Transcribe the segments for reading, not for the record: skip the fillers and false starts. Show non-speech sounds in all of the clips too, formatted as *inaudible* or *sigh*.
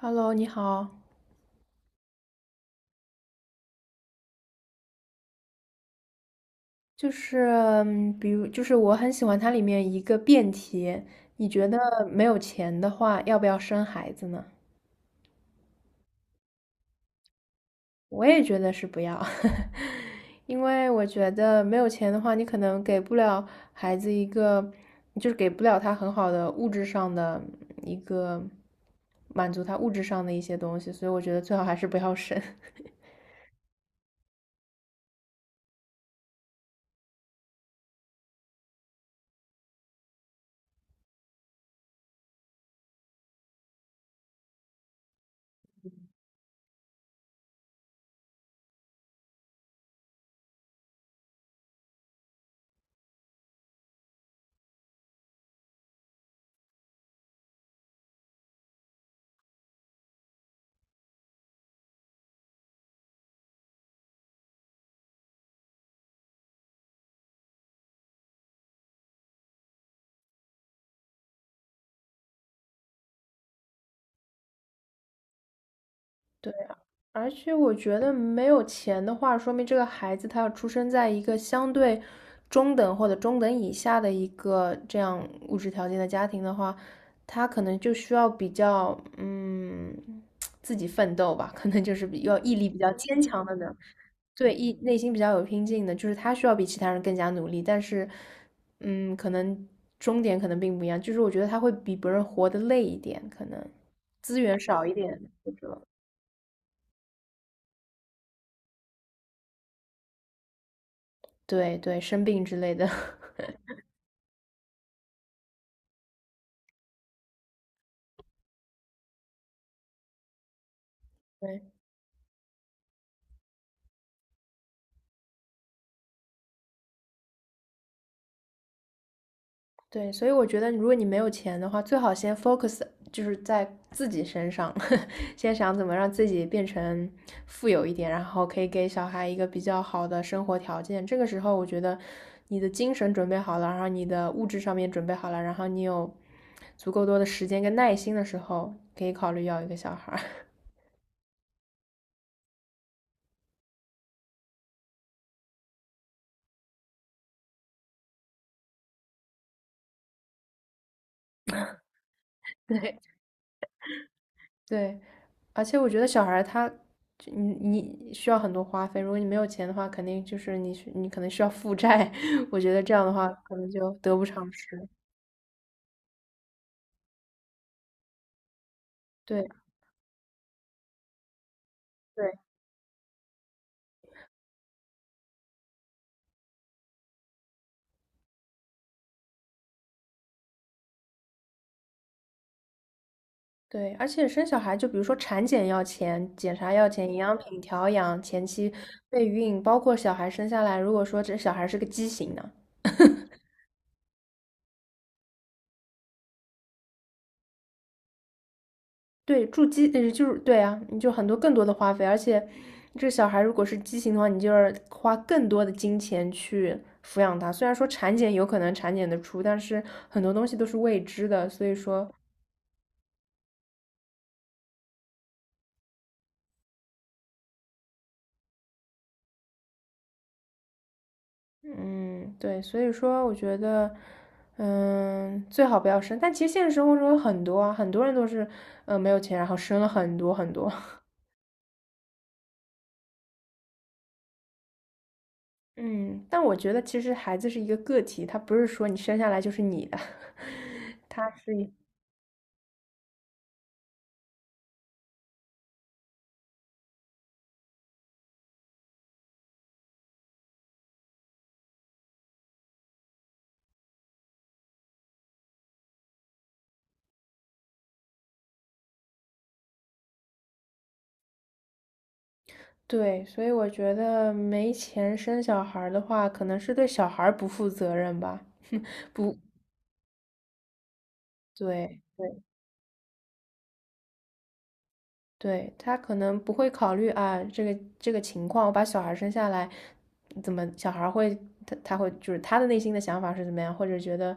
Hello，你好，就是比如就是我很喜欢它里面一个辩题，你觉得没有钱的话，要不要生孩子呢？我也觉得是不要，*laughs* 因为我觉得没有钱的话，你可能给不了孩子一个，就是给不了他很好的物质上的一个满足他物质上的一些东西，所以我觉得最好还是不要生。*laughs* 对。而且我觉得没有钱的话，说明这个孩子他要出生在一个相对中等或者中等以下的一个这样物质条件的家庭的话，他可能就需要比较自己奋斗吧，可能就是比要毅力比较坚强的呢，对，意内心比较有拼劲的，就是他需要比其他人更加努力，但是可能终点可能并不一样，就是我觉得他会比别人活得累一点，可能资源少一点，或者。对对，生病之类的，*laughs* 对对，所以我觉得，如果你没有钱的话，最好先 focus 就是在自己身上，*laughs* 先想怎么让自己变成富有一点，然后可以给小孩一个比较好的生活条件。这个时候，我觉得你的精神准备好了，然后你的物质上面准备好了，然后你有足够多的时间跟耐心的时候，可以考虑要一个小孩。 *laughs* 对，对，而且我觉得小孩儿他，就你你需要很多花费，如果你没有钱的话，肯定就是你需你可能需要负债，*laughs* 我觉得这样的话可能就得不偿失。对对对，而且生小孩就比如说产检要钱，检查要钱，营养品调养、前期备孕，包括小孩生下来，如果说这小孩是个畸形呢，对，住基呃，就是对啊，你就更多的花费，而且这小孩如果是畸形的话，你就要花更多的金钱去抚养他。虽然说产检有可能产检得出，但是很多东西都是未知的，所以说，嗯，对，所以说我觉得，嗯，最好不要生。但其实现实生活中有很多啊，很多人都是，没有钱，然后生了很多很多。*laughs* 嗯，但我觉得其实孩子是一个个体，他不是说你生下来就是你的，*laughs* 他是对，所以我觉得没钱生小孩儿的话，可能是对小孩儿不负责任吧。不，对。对，他可能不会考虑啊，这个情况，我把小孩生下来，怎么小孩会他他会就是他的内心的想法是怎么样，或者觉得，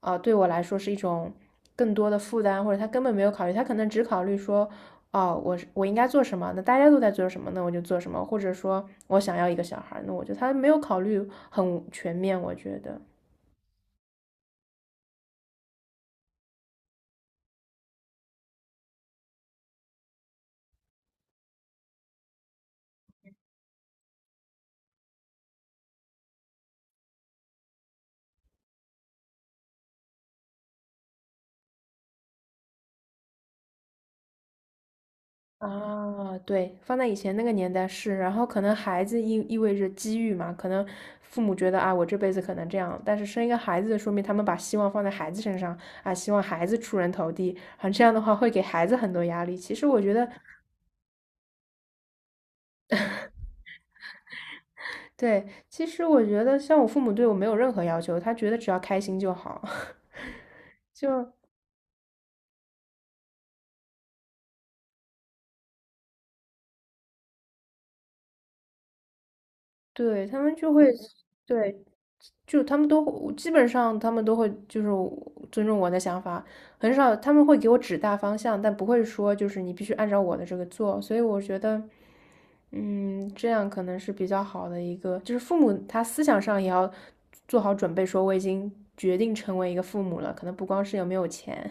啊、对我来说是一种更多的负担，或者他根本没有考虑，他可能只考虑说，哦，我应该做什么，那大家都在做什么，那我就做什么，或者说我想要一个小孩那我就他没有考虑很全面，我觉得，啊，对，放在以前那个年代是，然后可能孩子味着机遇嘛，可能父母觉得啊，我这辈子可能这样，但是生一个孩子，说明他们把希望放在孩子身上啊，希望孩子出人头地，啊，这样的话会给孩子很多压力。其实我觉得，对，其实我觉得像我父母对我没有任何要求，他觉得只要开心就好，*laughs* 就对，他们就会，对，就他们都会基本上他们都会就是尊重我的想法，很少他们会给我指大方向，但不会说就是你必须按照我的这个做，所以我觉得，嗯，这样可能是比较好的一个，就是父母他思想上也要做好准备，说我已经决定成为一个父母了，可能不光是有没有钱，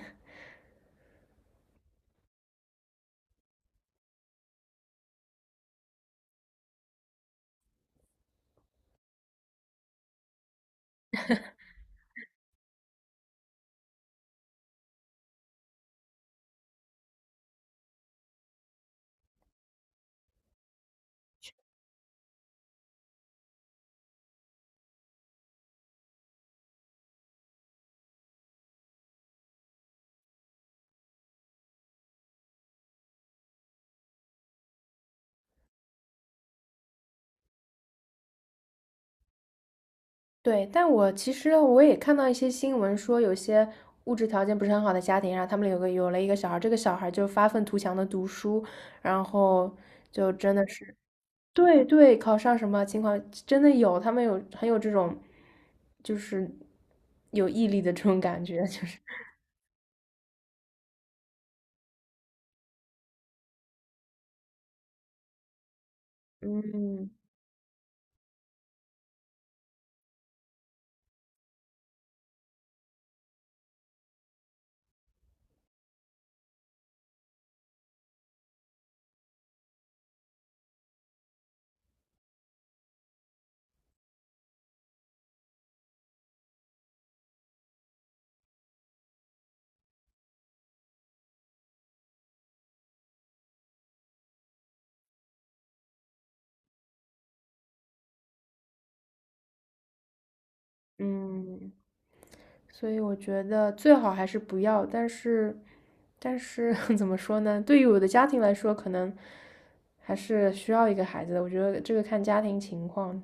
对，但我其实我也看到一些新闻说，有些物质条件不是很好的家庭，然后他们有了一个小孩，这个小孩就发愤图强的读书，然后就真的是，对对，考上什么情况真的有，他们有很有这种，就是有毅力的这种感觉，就是，嗯嗯。所以我觉得最好还是不要，但是，但是 *laughs* 怎么说呢？对于我的家庭来说，可能还是需要一个孩子的。我觉得这个看家庭情况，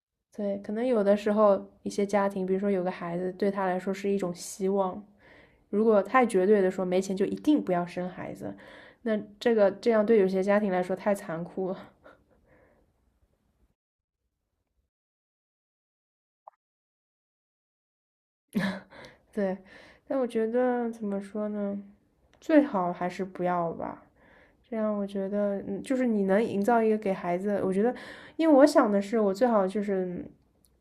*laughs* 对，可能有的时候一些家庭，比如说有个孩子，对他来说是一种希望。如果太绝对的说没钱就一定不要生孩子，那这样对有些家庭来说太残酷了。*laughs* 对，但我觉得怎么说呢？最好还是不要吧。这样我觉得，嗯，就是你能营造一个给孩子，我觉得，因为我想的是，我最好就是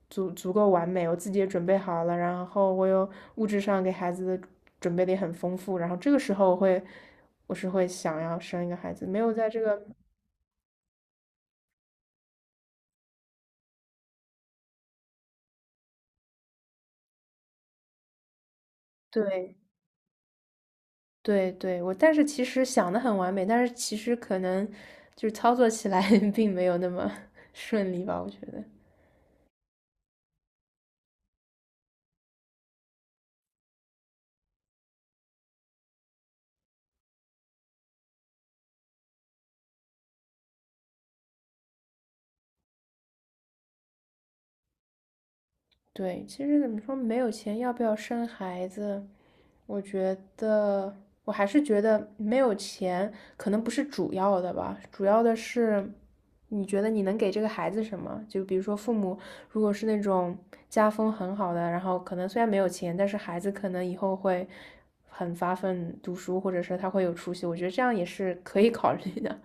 足够完美，我自己也准备好了，然后我有物质上给孩子的准备的也很丰富，然后这个时候我会，我是会想要生一个孩子，没有在这个，对对对，我但是其实想的很完美，但是其实可能就是操作起来 *laughs* 并没有那么 *laughs* 顺利吧，我觉得，对，其实怎么说，没有钱要不要生孩子？我觉得我还是觉得没有钱可能不是主要的吧，主要的是你觉得你能给这个孩子什么？就比如说父母如果是那种家风很好的，然后可能虽然没有钱，但是孩子可能以后会很发奋读书，或者是他会有出息，我觉得这样也是可以考虑的。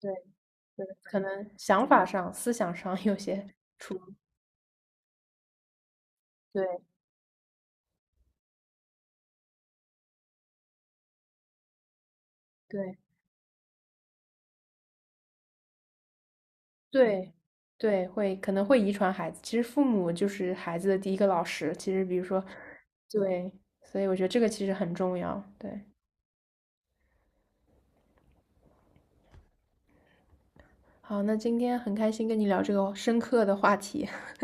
对对可能想法上、思想上有些出入对对。对，对，会可能会遗传孩子。其实父母就是孩子的第一个老师。其实比如说，对，所以我觉得这个其实很重要。对，好，那今天很开心跟你聊这个深刻的话题。*laughs*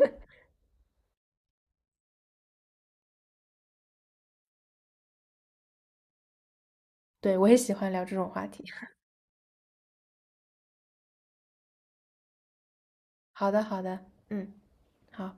对，我也喜欢聊这种话题。好的，好的，嗯，好。